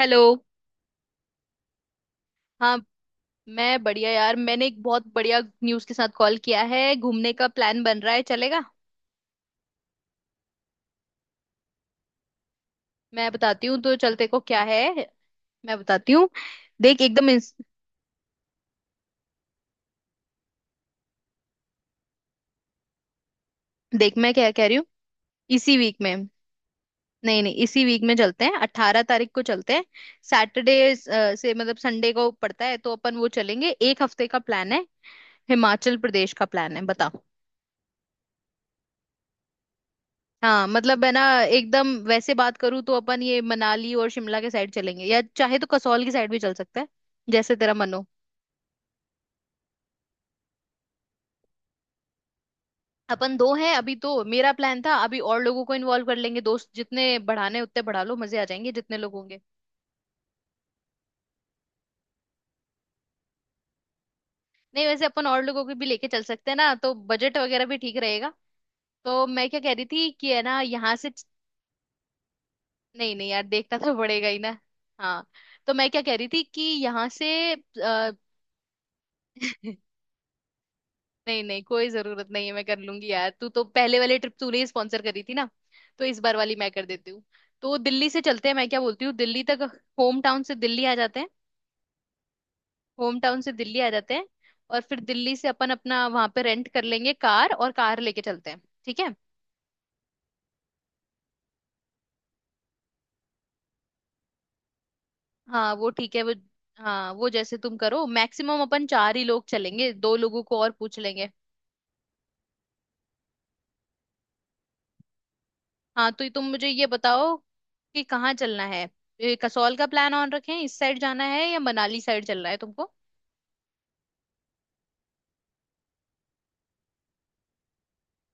Hello. हाँ, मैं बढ़िया यार। मैंने एक बहुत बढ़िया न्यूज़ के साथ कॉल किया है, घूमने का प्लान बन रहा है, चलेगा? मैं बताती हूँ तो चलते को क्या है। मैं बताती हूँ। देख एकदम इंस... देख, मैं क्या कह रही हूँ। इसी वीक में। नहीं नहीं, इसी वीक में चलते हैं, 18 तारीख को चलते हैं। सैटरडे से मतलब संडे को पड़ता है तो अपन वो चलेंगे, एक हफ्ते का प्लान है। हिमाचल प्रदेश का प्लान है, बता। हाँ, मतलब है ना, एकदम वैसे बात करूँ तो अपन ये मनाली और शिमला के साइड चलेंगे, या चाहे तो कसौल की साइड भी चल सकता है। जैसे तेरा मन हो। अपन दो हैं अभी, तो मेरा प्लान था अभी और लोगों को इन्वॉल्व कर लेंगे, दोस्त जितने बढ़ाने उतने बढ़ा लो, मजे आ जाएंगे जितने लोग होंगे। नहीं, वैसे अपन और लोगों को भी लेके चल सकते हैं ना, तो बजट वगैरह भी ठीक रहेगा। तो मैं क्या कह रही थी कि है ना, यहाँ से। नहीं नहीं यार, देखना तो पड़ेगा ही ना। हाँ, तो मैं क्या कह रही थी कि यहाँ से। अ, नहीं नहीं, कोई जरूरत नहीं है, मैं कर लूंगी यार। तू तो पहले वाले ट्रिप तूने ही स्पॉन्सर करी थी ना, तो इस बार वाली मैं कर देती हूँ। तो दिल्ली से चलते हैं, मैं क्या बोलती हूँ, दिल्ली तक होम टाउन से दिल्ली आ जाते हैं। होम टाउन से दिल्ली आ जाते हैं, और फिर दिल्ली से अपन अपना वहां पे रेंट कर लेंगे कार, और कार लेके चलते हैं, ठीक है। हाँ, वो ठीक है वो। हाँ, वो जैसे तुम करो, मैक्सिमम अपन चार ही लोग चलेंगे, दो लोगों को और पूछ लेंगे। हाँ, तो ये तुम मुझे ये बताओ कि कहाँ चलना है। ये कसौल का प्लान ऑन रखें, इस साइड जाना है, या मनाली साइड चलना है तुमको?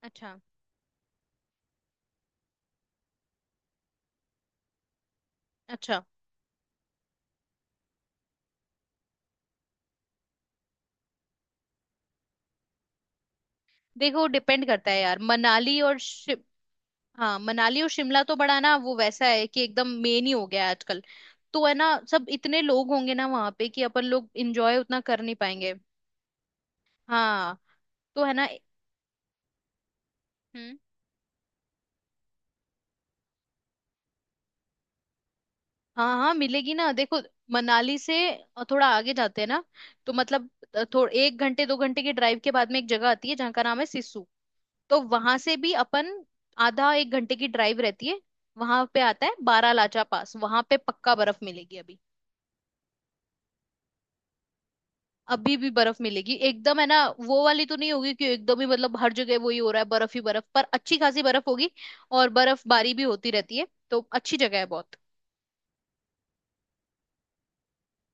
अच्छा। अच्छा, देखो डिपेंड करता है यार, मनाली और शिम... हाँ, मनाली और शिमला तो बड़ा ना, वो वैसा है कि एकदम मेन ही हो गया है आजकल। तो है ना, सब इतने लोग होंगे ना वहां पे कि अपन लोग इंजॉय उतना कर नहीं पाएंगे। हाँ। तो है ना। हम्म। हाँ हाँ, मिलेगी ना, देखो। मनाली से थोड़ा आगे जाते हैं ना, तो मतलब थोड़ा एक घंटे दो घंटे के ड्राइव के बाद में एक जगह आती है जहाँ का नाम है सिस्सू। तो वहां से भी अपन आधा एक घंटे की ड्राइव रहती है। वहां पे आता है बारालाचा पास, वहां पे पक्का बर्फ मिलेगी अभी। अभी भी बर्फ मिलेगी एकदम, है ना। वो वाली तो नहीं होगी कि एकदम ही, मतलब हर जगह वही हो रहा है बर्फ ही बर्फ, पर अच्छी खासी बर्फ होगी। और बर्फबारी भी होती रहती है, तो अच्छी जगह है बहुत।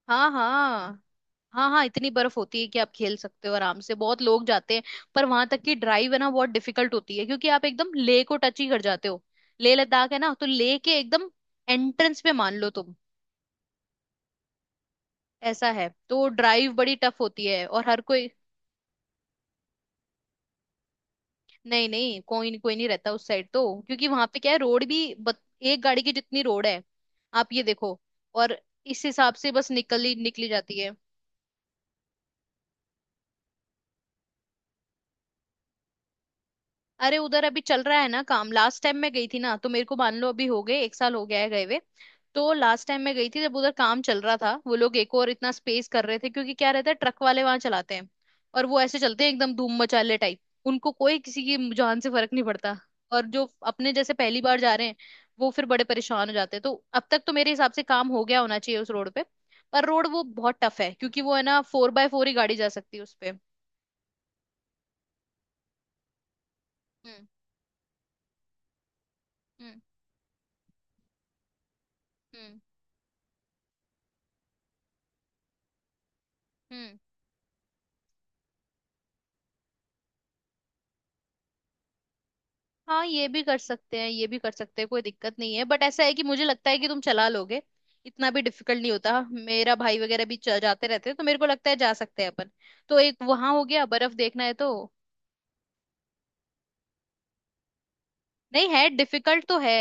हाँ हाँ। हाँ हाँ, इतनी बर्फ होती है कि आप खेल सकते हो आराम से, बहुत लोग जाते हैं। पर वहां तक की ड्राइव है ना, बहुत डिफिकल्ट होती है, क्योंकि आप एकदम लेह को टच ही कर जाते हो। लेह लद्दाख है ना, तो लेह के एकदम एंट्रेंस पे मान लो तुम, ऐसा है, तो ड्राइव बड़ी टफ होती है, और हर कोई... नहीं नहीं, कोई नहीं, कोई नहीं रहता उस साइड तो, क्योंकि वहां पे क्या है, एक गाड़ी की जितनी रोड है, आप ये देखो। और इस हिसाब से बस निकली निकली जाती है। अरे उधर अभी चल रहा है ना काम, लास्ट टाइम मैं गई थी ना, तो मेरे को मान लो अभी हो गए, एक साल हो गया है गए हुए। तो लास्ट टाइम मैं गई थी जब उधर काम चल रहा था, वो लोग एक और इतना स्पेस कर रहे थे, क्योंकि क्या रहता है, ट्रक वाले वहां चलाते हैं। और वो ऐसे चलते हैं एकदम धूम मचाले टाइप। उनको कोई किसी की जान से फर्क नहीं पड़ता। और जो अपने जैसे पहली बार जा रहे हैं, वो फिर बड़े परेशान हो जाते हैं। तो अब तक तो मेरे हिसाब से काम हो गया होना चाहिए उस रोड पे। पर रोड वो बहुत टफ है, क्योंकि वो है ना, फोर बाय फोर ही गाड़ी जा सकती है उस पे। हम्म। हम्म। हम्म। हम्म। हाँ, ये भी कर सकते हैं, ये भी कर सकते हैं, कोई दिक्कत नहीं है, बट ऐसा है कि मुझे लगता है कि तुम चला लोगे। इतना भी डिफिकल्ट नहीं होता, मेरा भाई वगैरह भी जाते रहते हैं, तो मेरे को लगता है जा सकते हैं अपन। तो एक वहां हो गया, बर्फ देखना है तो। नहीं है, डिफिकल्ट तो है।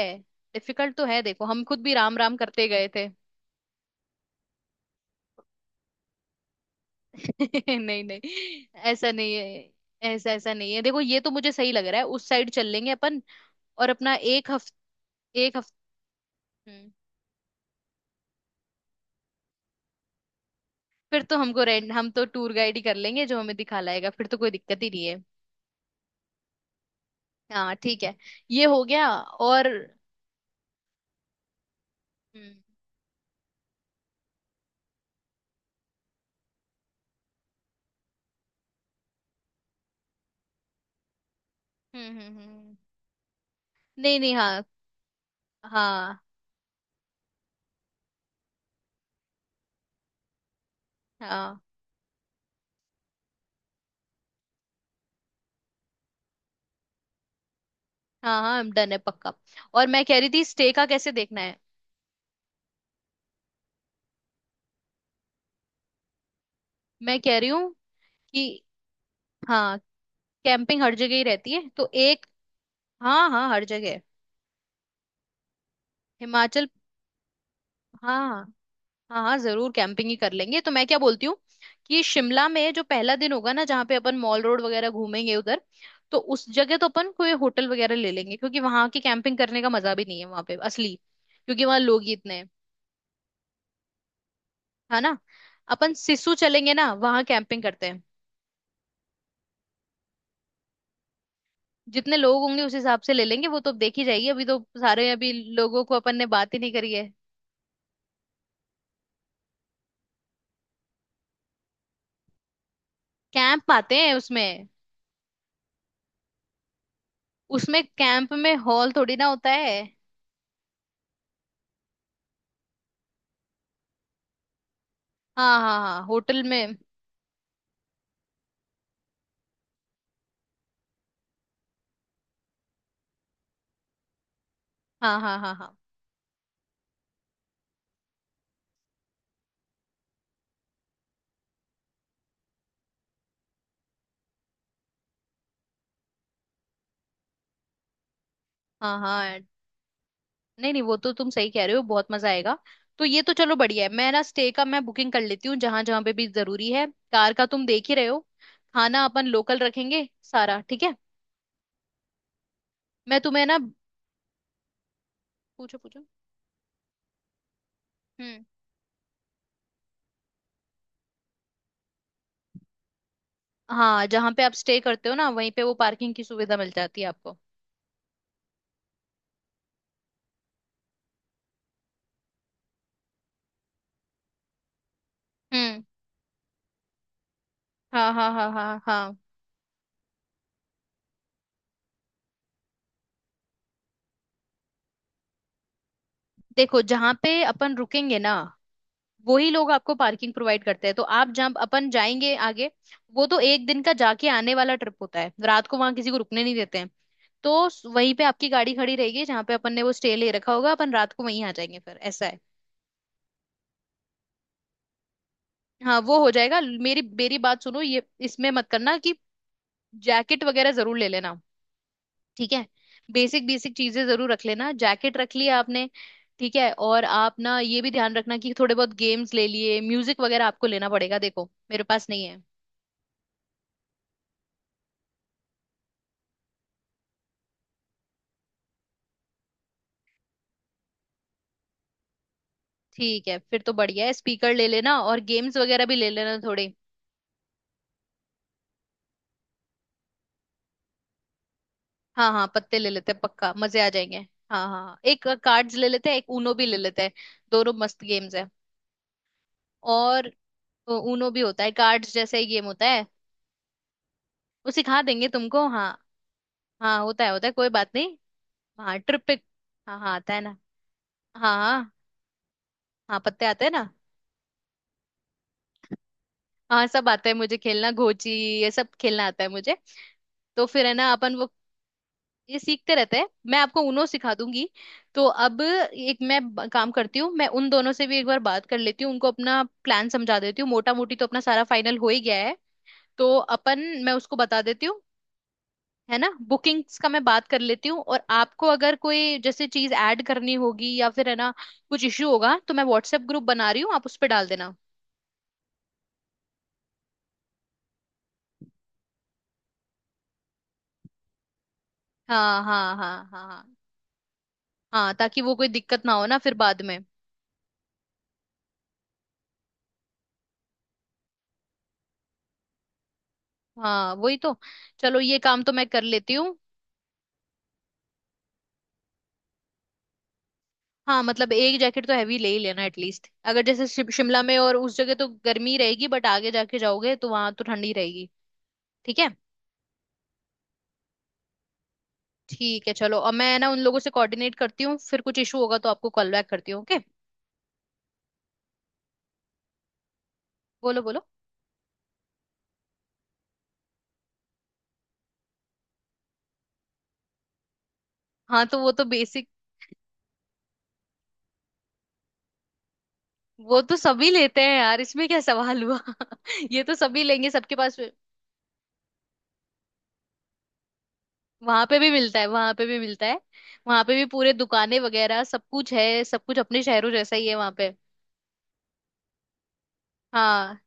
डिफिकल्ट तो है, देखो हम खुद भी राम राम करते गए थे। नहीं नहीं, ऐसा नहीं है। ऐसा ऐसा नहीं है, देखो, ये तो मुझे सही लग रहा है, उस साइड चल लेंगे अपन। और अपना एक हफ्ते... एक हफ्ते फिर तो हमको रेंट, हम तो टूर गाइड ही कर लेंगे जो हमें दिखा लाएगा, फिर तो कोई दिक्कत ही नहीं है। हाँ ठीक है, ये हो गया, और... हम्म हम्म हम्म हम्म। नहीं नहीं, हाँ। हाँ हाँ हाँ हाँ, डन है पक्का। और मैं कह रही थी स्टे का कैसे देखना है। मैं कह रही हूँ कि हाँ, कैंपिंग हर जगह ही रहती है तो एक... हाँ हाँ, हर जगह हिमाचल। हाँ हाँ। हाँ हाँ, जरूर कैंपिंग ही कर लेंगे। तो मैं क्या बोलती हूँ कि शिमला में जो पहला दिन होगा ना, जहाँ पे अपन मॉल रोड वगैरह घूमेंगे उधर, तो उस जगह तो अपन कोई होटल वगैरह ले लेंगे, क्योंकि वहां की कैंपिंग करने का मजा भी नहीं है वहां पे असली, क्योंकि वहां लोग ही इतने हैं। है ना। अपन सिसु चलेंगे ना, वहां कैंपिंग करते हैं। जितने लोग होंगे उस हिसाब से ले लेंगे, वो तो देखी जाएगी, अभी तो सारे अभी लोगों को अपन ने बात ही नहीं करी है। कैंप आते हैं उसमें। उसमें कैंप में हॉल थोड़ी ना होता है। हाँ हाँ हाँ, होटल में। हाँ हाँ हाँ हाँ हाँ हाँ। नहीं नहीं, वो तो तुम सही कह रहे हो, बहुत मजा आएगा। तो ये तो चलो बढ़िया है, मैं ना स्टे का मैं बुकिंग कर लेती हूँ जहां जहां पे भी जरूरी है। कार का तुम देख ही रहे हो। खाना अपन लोकल रखेंगे सारा, ठीक है। मैं तुम्हें ना... पूछो पूछो। हम्म। हाँ, जहां पे आप स्टे करते हो ना, वहीं पे वो पार्किंग की सुविधा मिल जाती है आपको। हम्म। हाँ हाँ हाँ हाँ हाँ। देखो, जहां पे अपन रुकेंगे ना, वही लोग आपको पार्किंग प्रोवाइड करते हैं, तो आप जब अपन जाएंगे आगे, वो तो एक दिन का जाके आने वाला ट्रिप होता है, रात को वहां किसी को रुकने नहीं देते हैं। तो वहीं पे आपकी गाड़ी खड़ी रहेगी जहाँ पे अपन ने वो स्टे ले रखा होगा, अपन रात को वहीं आ जाएंगे, फिर ऐसा है। हाँ वो हो जाएगा। मेरी मेरी बात सुनो, ये इसमें मत करना कि जैकेट वगैरह जरूर ले लेना, ठीक है। बेसिक बेसिक चीजें जरूर रख लेना, जैकेट रख लिया आपने? ठीक है। और आप ना ये भी ध्यान रखना कि थोड़े बहुत गेम्स ले लिए, म्यूजिक वगैरह आपको लेना पड़ेगा, देखो मेरे पास नहीं है। ठीक है, फिर तो बढ़िया है, स्पीकर ले लेना, और गेम्स वगैरह भी ले लेना थोड़े। हाँ हाँ, पत्ते ले लेते हैं, पक्का मजे आ जाएंगे। हाँ हाँ हाँ, एक कार्ड्स ले लेते हैं, एक ऊनो भी ले लेते हैं, दोनों मस्त गेम्स है। और ऊनो भी होता है, कार्ड्स जैसा ही गेम होता है, वो सिखा देंगे तुमको, हाँ। हाँ, होता है होता है, कोई बात नहीं। हाँ, ट्रिप पे। हाँ हाँ, आता है ना। हाँ हाँ हाँ, पत्ते आते हैं ना। हाँ, सब आता है मुझे, खेलना घोची ये सब खेलना आता है मुझे। तो फिर है ना, अपन वो ये सीखते रहते हैं, मैं आपको उनो सिखा दूंगी। तो अब एक मैं काम करती हूँ, मैं उन दोनों से भी एक बार बात कर लेती हूँ, उनको अपना प्लान समझा देती हूँ, मोटा मोटी तो अपना सारा फाइनल हो ही गया है। तो अपन... मैं उसको बता देती हूँ, है ना, बुकिंग्स का मैं बात कर लेती हूँ। और आपको अगर कोई जैसे चीज ऐड करनी होगी या फिर है ना, कुछ इश्यू होगा, तो मैं व्हाट्सएप ग्रुप बना रही हूँ, आप उस पर डाल देना। हाँ हाँ हाँ हाँ हाँ हाँ, ताकि वो कोई दिक्कत ना हो ना फिर बाद में। हाँ वही तो। चलो, ये काम तो मैं कर लेती हूँ। हाँ, मतलब एक जैकेट तो हैवी ले ही लेना एटलीस्ट, अगर जैसे शिमला में और उस जगह तो गर्मी रहेगी, बट आगे जाके जाओगे तो वहां तो ठंडी रहेगी। ठीक है। ठीक है, चलो अब मैं ना उन लोगों से कोऑर्डिनेट करती हूँ, फिर कुछ इशू होगा तो आपको कॉल बैक करती हूँ, ओके। बोलो बोलो। हाँ, तो वो तो बेसिक... वो तो सभी लेते हैं यार, इसमें क्या सवाल हुआ। ये तो सभी लेंगे सबके पास। वहां पे भी मिलता है, वहां पे भी मिलता है। वहां पे भी पूरे दुकानें वगैरह सब कुछ है, सब कुछ अपने शहरों जैसा ही है वहां पे। हाँ।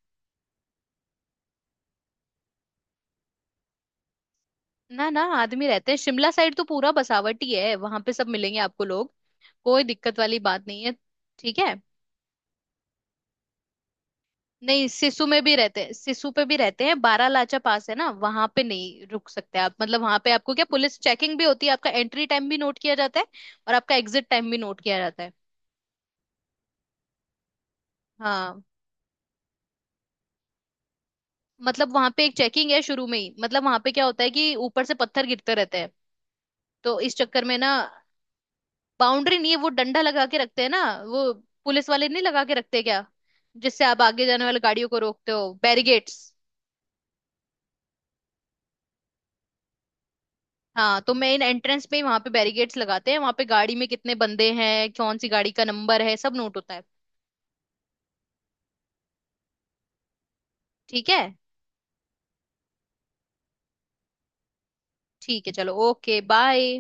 ना ना, आदमी रहते हैं, शिमला साइड तो पूरा बसावट ही है, वहां पे सब मिलेंगे आपको लोग। कोई दिक्कत वाली बात नहीं है। ठीक है। नहीं, सिसु में भी रहते हैं, सिसु पे भी रहते हैं, 12 लाचा पास है ना, वहां पे नहीं रुक सकते आप। मतलब वहां पे आपको क्या, पुलिस चेकिंग भी होती है, आपका एंट्री टाइम भी नोट किया जाता है और आपका एग्जिट टाइम भी नोट किया जाता है। हाँ। मतलब वहां पे एक चेकिंग है शुरू में ही, मतलब वहां पे क्या होता है कि ऊपर से पत्थर गिरते रहते हैं, तो इस चक्कर में ना। बाउंड्री नहीं है, वो डंडा लगा के रखते हैं ना, वो पुलिस वाले नहीं लगा के रखते क्या, जिससे आप आगे जाने वाली गाड़ियों को रोकते हो, बैरिगेट्स। हाँ, तो मेन एंट्रेंस पे ही वहां पे बैरिगेट्स लगाते हैं, वहां पे गाड़ी में कितने बंदे हैं, कौन सी गाड़ी का नंबर है, सब नोट होता है। ठीक है। ठीक है, चलो ओके, बाय।